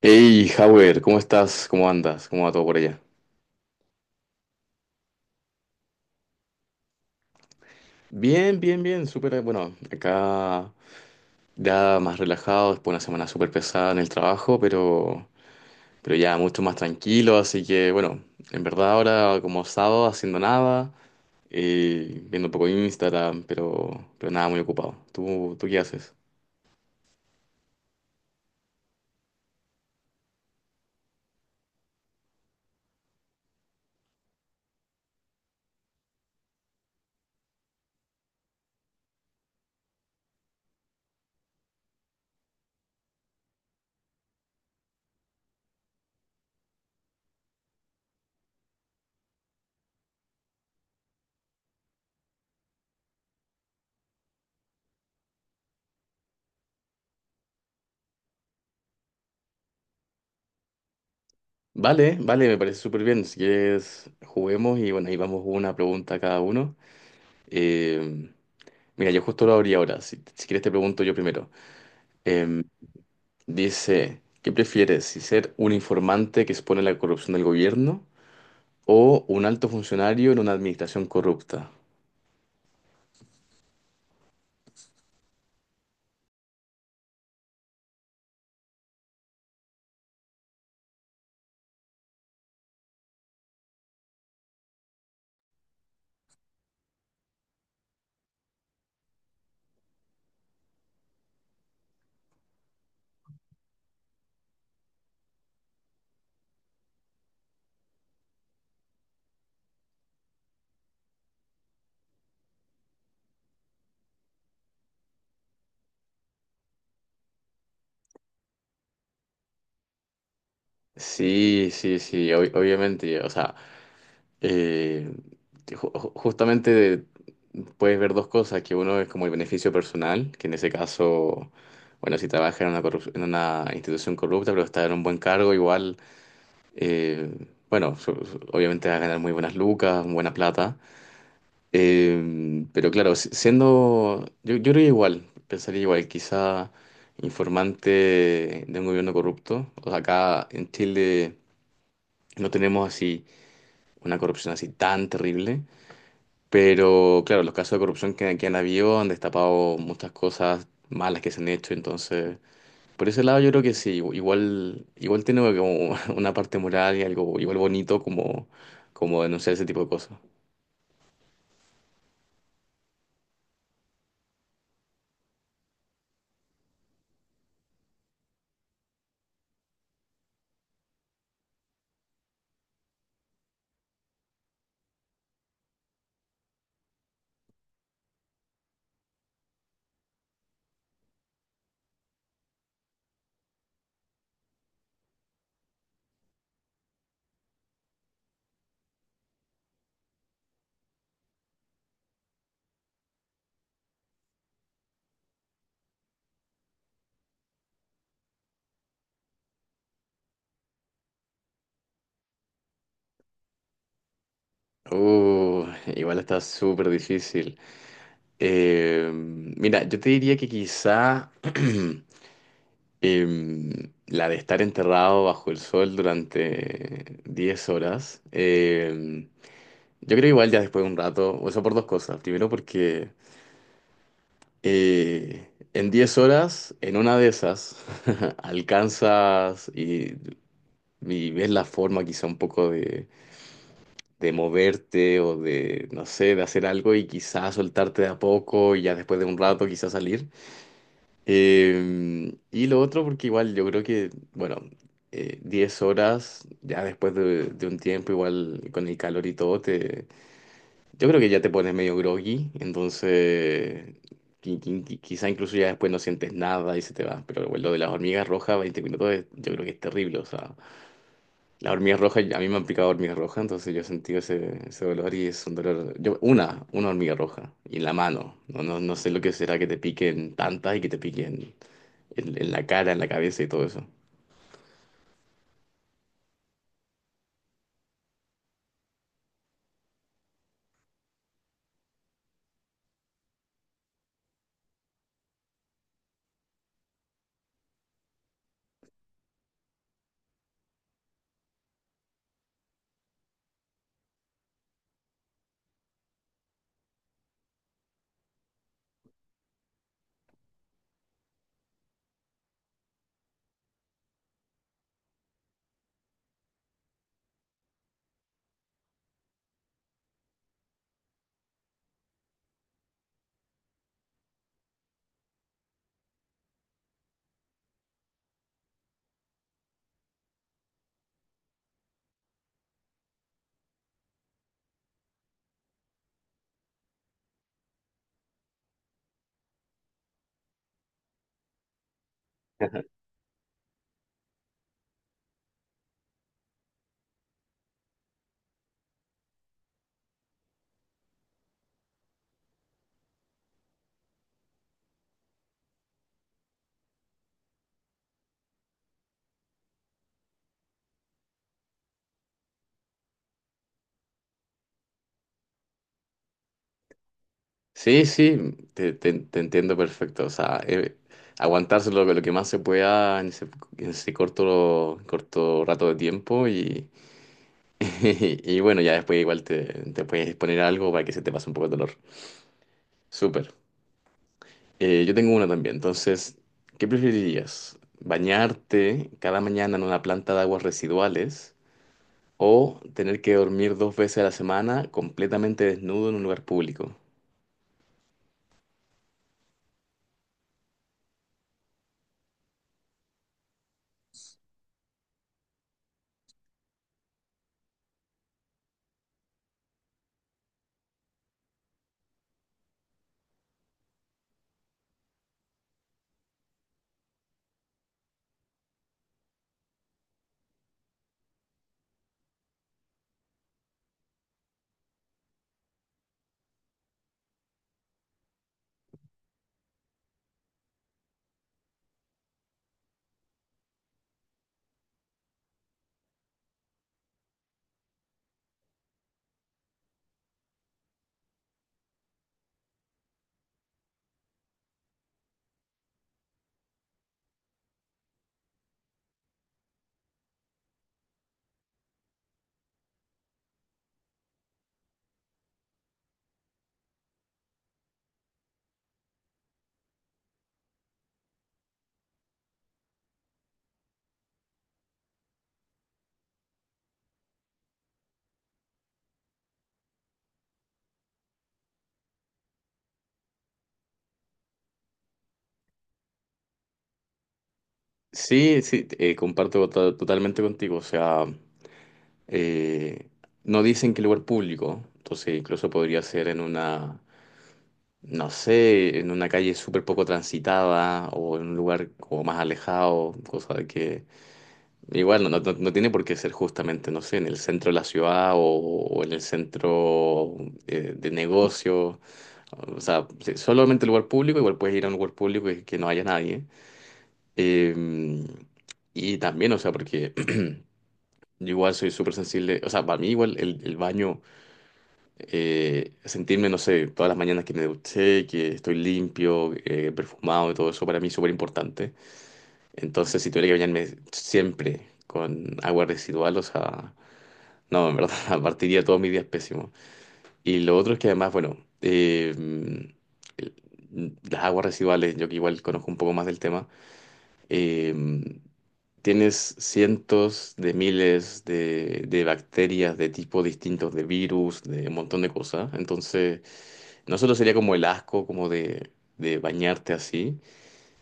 Hey, Howard, ¿cómo estás? ¿Cómo andas? ¿Cómo va todo por allá? Bien, bien, bien, súper, bueno, acá ya más relajado, después de una semana súper pesada en el trabajo, pero ya mucho más tranquilo, así que bueno, en verdad ahora como sábado haciendo nada, viendo un poco Instagram, pero nada, muy ocupado. ¿Tú qué haces? Vale, vale, me parece súper bien, si quieres juguemos y bueno, ahí vamos una pregunta a cada uno. Eh, Mira, yo justo lo abrí ahora, si quieres te pregunto yo primero. Em, Dice, ¿qué prefieres? ¿Si ser un informante que expone la corrupción del gobierno o un alto funcionario en una administración corrupta? Sí, sí, sí, obviamente, o sea, eh, justamente puedes ver dos cosas, que uno es como el beneficio personal, que en ese caso, bueno, si trabajas en una institución corrupta, pero estás en un buen cargo, igual, eh, bueno, obviamente vas a ganar muy buenas lucas, buena plata. Pero claro, siendo, yo creo que igual, pensaría igual, quizá informante de un gobierno corrupto. O sea, acá en Chile no tenemos así una corrupción así tan terrible, pero claro, los casos de corrupción que han habido han destapado muchas cosas malas que se han hecho, entonces, por ese lado yo creo que sí, igual tiene como una parte moral y algo igual bonito como denunciar ese tipo de cosas. Uh, Igual está súper difícil. Mira, yo te diría que quizá la de estar enterrado bajo el sol durante 10 horas, yo creo igual ya después de un rato, o sea, por dos cosas. Primero porque en 10 horas, en una de esas, alcanzas y ves la forma quizá un poco de moverte o de, no sé, de hacer algo y quizá soltarte de a poco y ya después de un rato quizá salir. Y lo otro, porque igual yo creo que, bueno, 10 horas, ya después de un tiempo, igual con el calor y todo, te, yo creo que ya te pones medio groggy, entonces quizá incluso ya después no sientes nada y se te va. Pero bueno, lo de las hormigas rojas, 20 minutos, yo creo que es terrible. O sea, las hormigas rojas, a mí me han picado hormigas rojas, entonces yo he sentido ese dolor y es un dolor. Yo, una hormiga roja, y en la mano. No, no, no sé lo que será que te piquen tantas y que te piquen en la cara, en la cabeza y todo eso. Sí, sí, te entiendo perfecto. O sea, aguantarse lo que más se pueda en ese corto rato de tiempo y, y bueno, ya después igual te puedes poner algo para que se te pase un poco el dolor. Súper. Yo tengo una también. Entonces, ¿qué preferirías? ¿Bañarte cada mañana en una planta de aguas residuales o tener que dormir dos veces a la semana completamente desnudo en un lugar público? Sí, sí, comparto totalmente contigo. O sea, eh, no dicen que lugar público, entonces incluso podría ser en una, no sé, en una calle súper poco transitada o en un lugar como más alejado, cosa de que igual no tiene por qué ser justamente, no sé, en el centro de la ciudad o en el centro de negocio. O sea, solamente lugar público, igual puedes ir a un lugar público y que no haya nadie. Em, y también, o sea, porque yo igual soy súper sensible, o sea, para mí igual el baño, sentirme, no sé, todas las mañanas que me duché, que estoy limpio, perfumado y todo eso, para mí es súper importante. Entonces, si tuviera que bañarme siempre con agua residual, o sea, no, en verdad, partiría todos mis días pésimos. Y lo otro es que además, bueno, eh, el- las aguas residuales, yo que igual conozco un poco más del tema, em, tienes cientos de miles de bacterias de tipos distintos, de virus, de un montón de cosas. Entonces, no solo sería como el asco, como de bañarte así,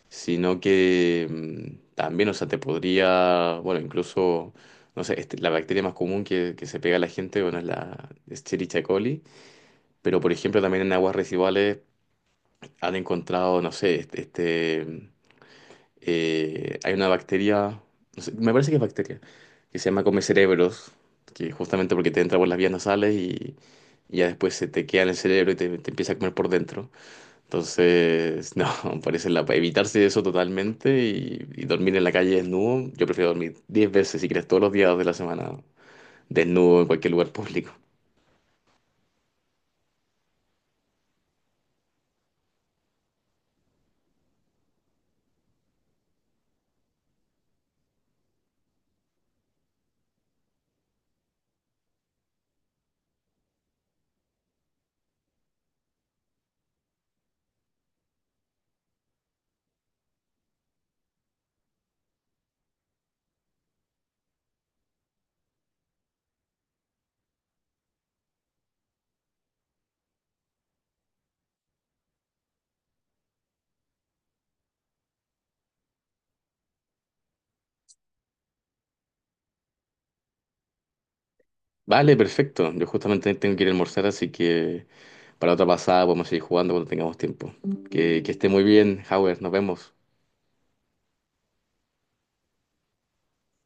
sino que también, o sea, te podría, bueno, incluso, no sé, este, la bacteria más común que se pega a la gente, bueno, es la Escherichia coli, pero por ejemplo también en aguas residuales han encontrado, no sé, hay una bacteria, no sé, me parece que es bacteria, que se llama come cerebros, que justamente porque te entra por las vías nasales y ya después se te queda en el cerebro y te empieza a comer por dentro. Entonces, no, parece la, evitarse eso totalmente y dormir en la calle desnudo. Yo prefiero dormir 10 veces, si quieres, todos los días de la semana desnudo en cualquier lugar público. Vale, perfecto. Yo justamente tengo que ir a almorzar, así que para otra pasada podemos seguir jugando cuando tengamos tiempo. Que esté muy bien, Howard. Nos vemos.